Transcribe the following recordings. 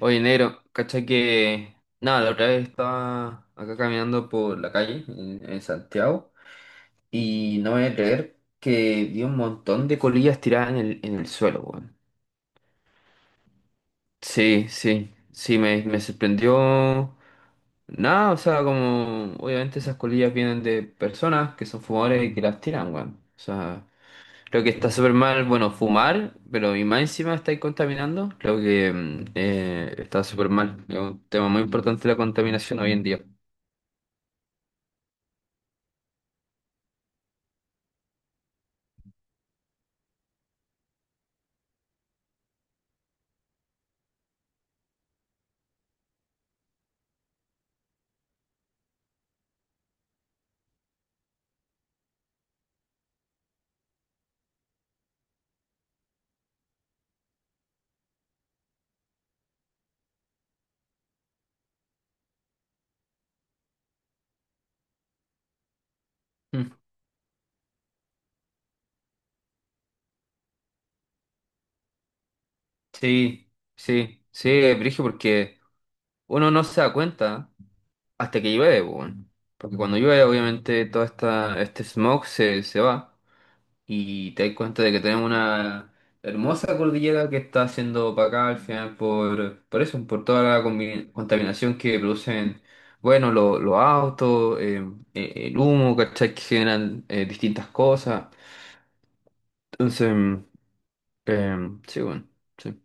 Oye, negro, cacha que. Nada, la otra vez estaba acá caminando por la calle en Santiago y no me voy a creer que vi un montón de colillas tiradas en el suelo, weón. Sí, sí, sí, me sorprendió. Nada, o sea, como. Obviamente esas colillas vienen de personas que son fumadores y que las tiran, weón. O sea. Creo que está súper mal, bueno, fumar, pero y más encima estáis contaminando. Creo que está súper mal. Es un tema muy importante la contaminación hoy en día. Mm. Sí, sí, sí, Brigio, porque uno no se da cuenta hasta que llueve, po, weón. Porque cuando llueve, obviamente, todo este smog se va. Y te das cuenta de que tenemos una hermosa cordillera que está siendo opacada al final por eso, por toda la contaminación que producen, bueno, los autos, el humo, ¿cachai? Que generan distintas cosas. Entonces, sí, bueno, sí.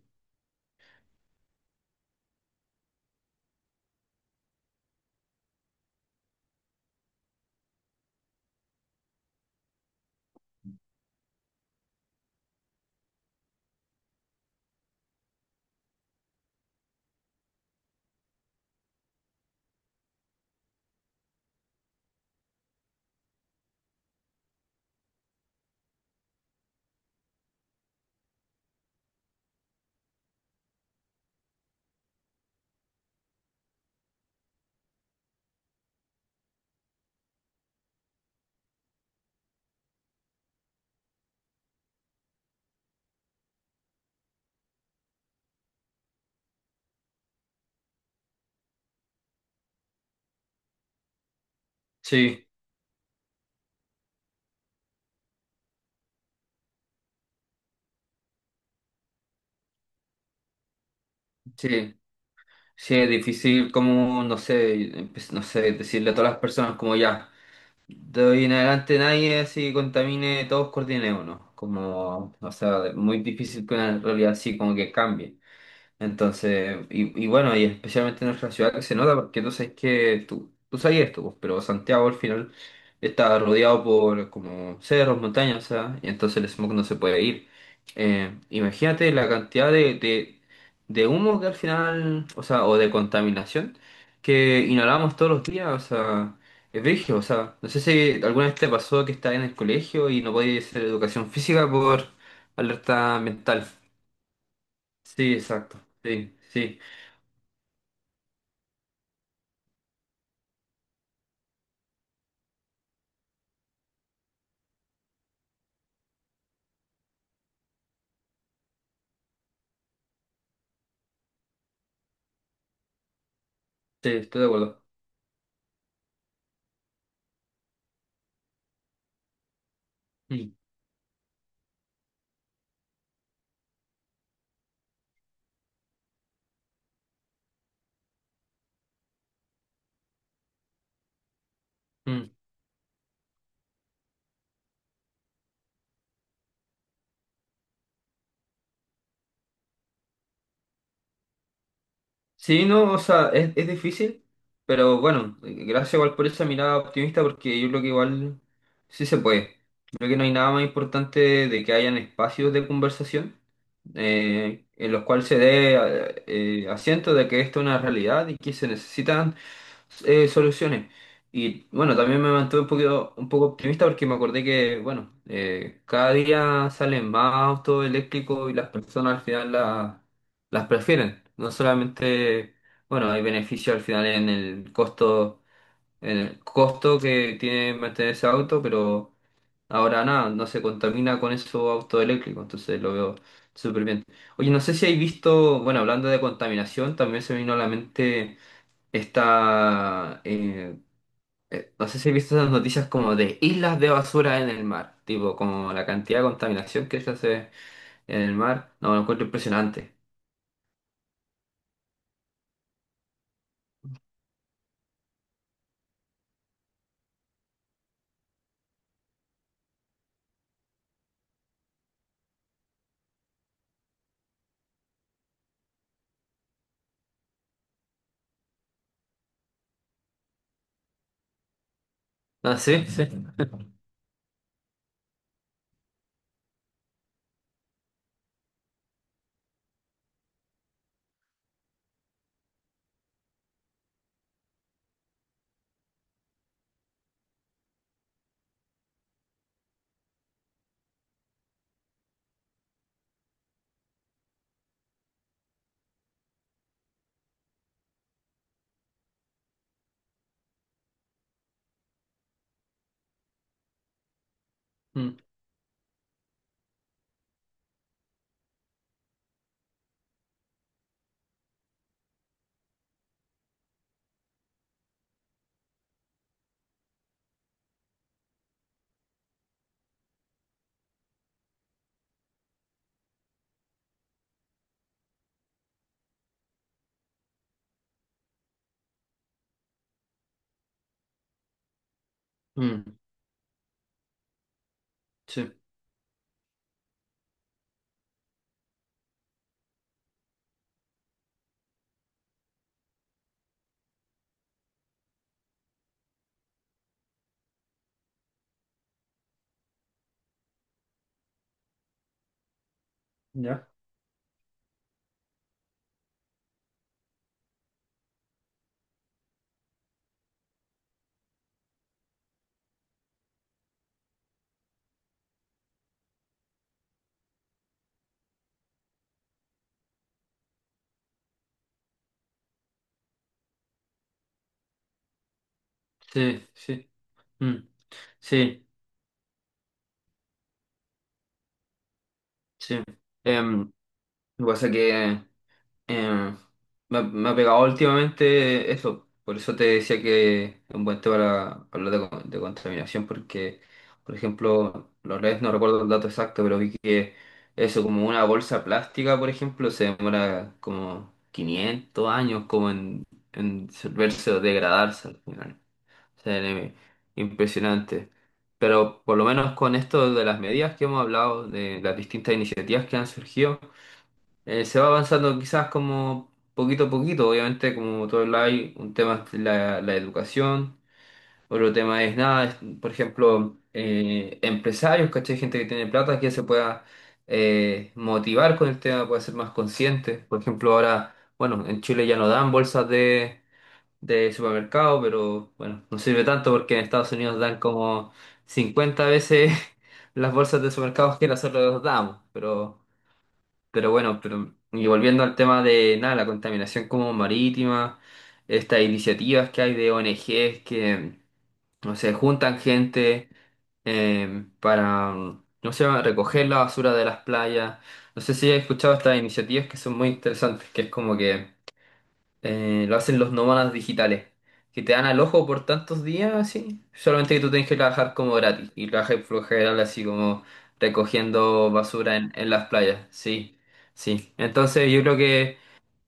Sí, sí. Sí, es difícil como, no sé, no sé, decirle a todas las personas como ya. De hoy en adelante nadie así contamine, todos coordinen uno. Como, o sea, muy difícil que una realidad así como que cambie. Entonces, y bueno, y especialmente en nuestra ciudad que se nota, porque tú sabes que tú sabías esto, pues, pero Santiago al final está rodeado por como cerros, montañas, o sea, y entonces el smog no se puede ir. Imagínate la cantidad de humo que al final, o sea, o de contaminación que inhalamos todos los días, o sea, es brígido, o sea, no sé si alguna vez te pasó que estás en el colegio y no podías hacer educación física por alerta ambiental. Sí, exacto, sí, sí. Sí, estoy de acuerdo. Mm, mm. Sí, no, o sea, es difícil, pero bueno, gracias igual por esa mirada optimista, porque yo creo que igual sí se puede. Creo que no hay nada más importante de que hayan espacios de conversación en los cuales se dé asiento de que esto es una realidad y que se necesitan soluciones. Y bueno, también me mantuve un poquito, un poco optimista porque me acordé que, bueno, cada día salen más autos eléctricos y las personas al final las prefieren. No solamente, bueno, hay beneficio al final en el costo que tiene mantener ese auto, pero ahora nada, no se contamina con esos autos eléctricos, entonces lo veo súper bien. Oye, no sé si hay visto, bueno, hablando de contaminación, también se me vino a la mente esta, eh, no sé si he visto esas noticias como de islas de basura en el mar, tipo como la cantidad de contaminación que se hace en el mar, no, lo encuentro impresionante. Ah, sí, sí. Mm, mm. Sí, ¿ya? Sí, sí. Mm, sí, sí. Em, lo que pasa es que em, me ha pegado últimamente eso. Por eso te decía que es un buen tema para hablar de contaminación, porque, por ejemplo, los redes no recuerdo el dato exacto, pero vi que eso, como una bolsa plástica, por ejemplo, se demora como 500 años como en disolverse o degradarse al final. Sí, anime. Impresionante. Pero por lo menos con esto de las medidas que hemos hablado, de las distintas iniciativas que han surgido, se va avanzando quizás como poquito a poquito. Obviamente, como todo el hay, un tema es la educación, otro tema es nada, es, por ejemplo, empresarios, ¿cachai? Gente que tiene plata que se pueda motivar con el tema, pueda ser más consciente. Por ejemplo, ahora, bueno, en Chile ya no dan bolsas de supermercado, pero bueno, no sirve tanto porque en Estados Unidos dan como 50 veces las bolsas de supermercados que nosotros damos, pero bueno, y volviendo al tema de nada, la contaminación como marítima, estas iniciativas que hay de ONGs que, no sé, juntan gente para, no sé, recoger la basura de las playas. No sé si has escuchado estas iniciativas que son muy interesantes, que es como que lo hacen los nómadas digitales, que te dan al ojo por tantos días, así. Solamente que tú tienes que trabajar como gratis y trabajas por lo general así como recogiendo basura en las playas. Sí, sí. Entonces yo creo que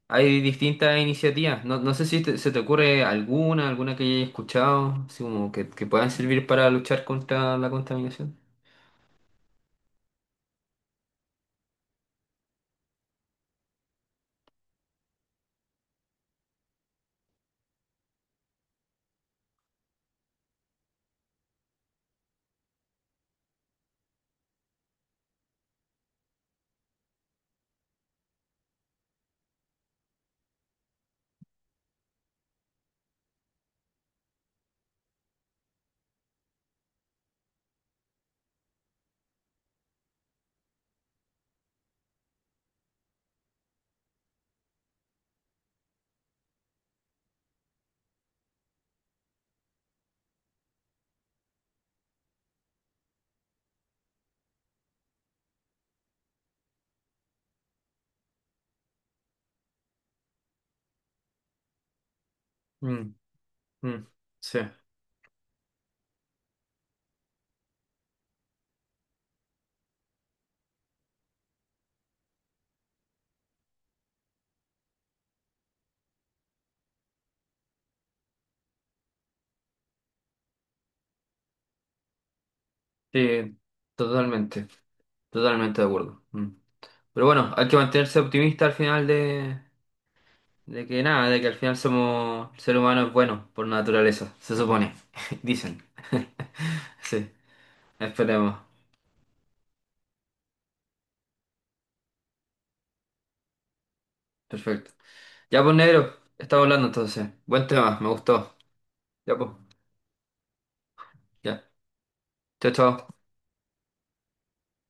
hay distintas iniciativas. No, no sé si se te ocurre alguna, que hayas escuchado, así como que puedan servir para luchar contra la contaminación. Mm, mm, sí, sí, totalmente, totalmente de acuerdo. Mm. Pero bueno, hay que mantenerse optimista al final de que nada, de que al final somos, el ser humano es bueno por naturaleza, se supone, dicen. Sí, esperemos. Perfecto. Ya pues negro, estamos hablando entonces. Buen tema, me gustó. Ya pues, ya. Chao, chao.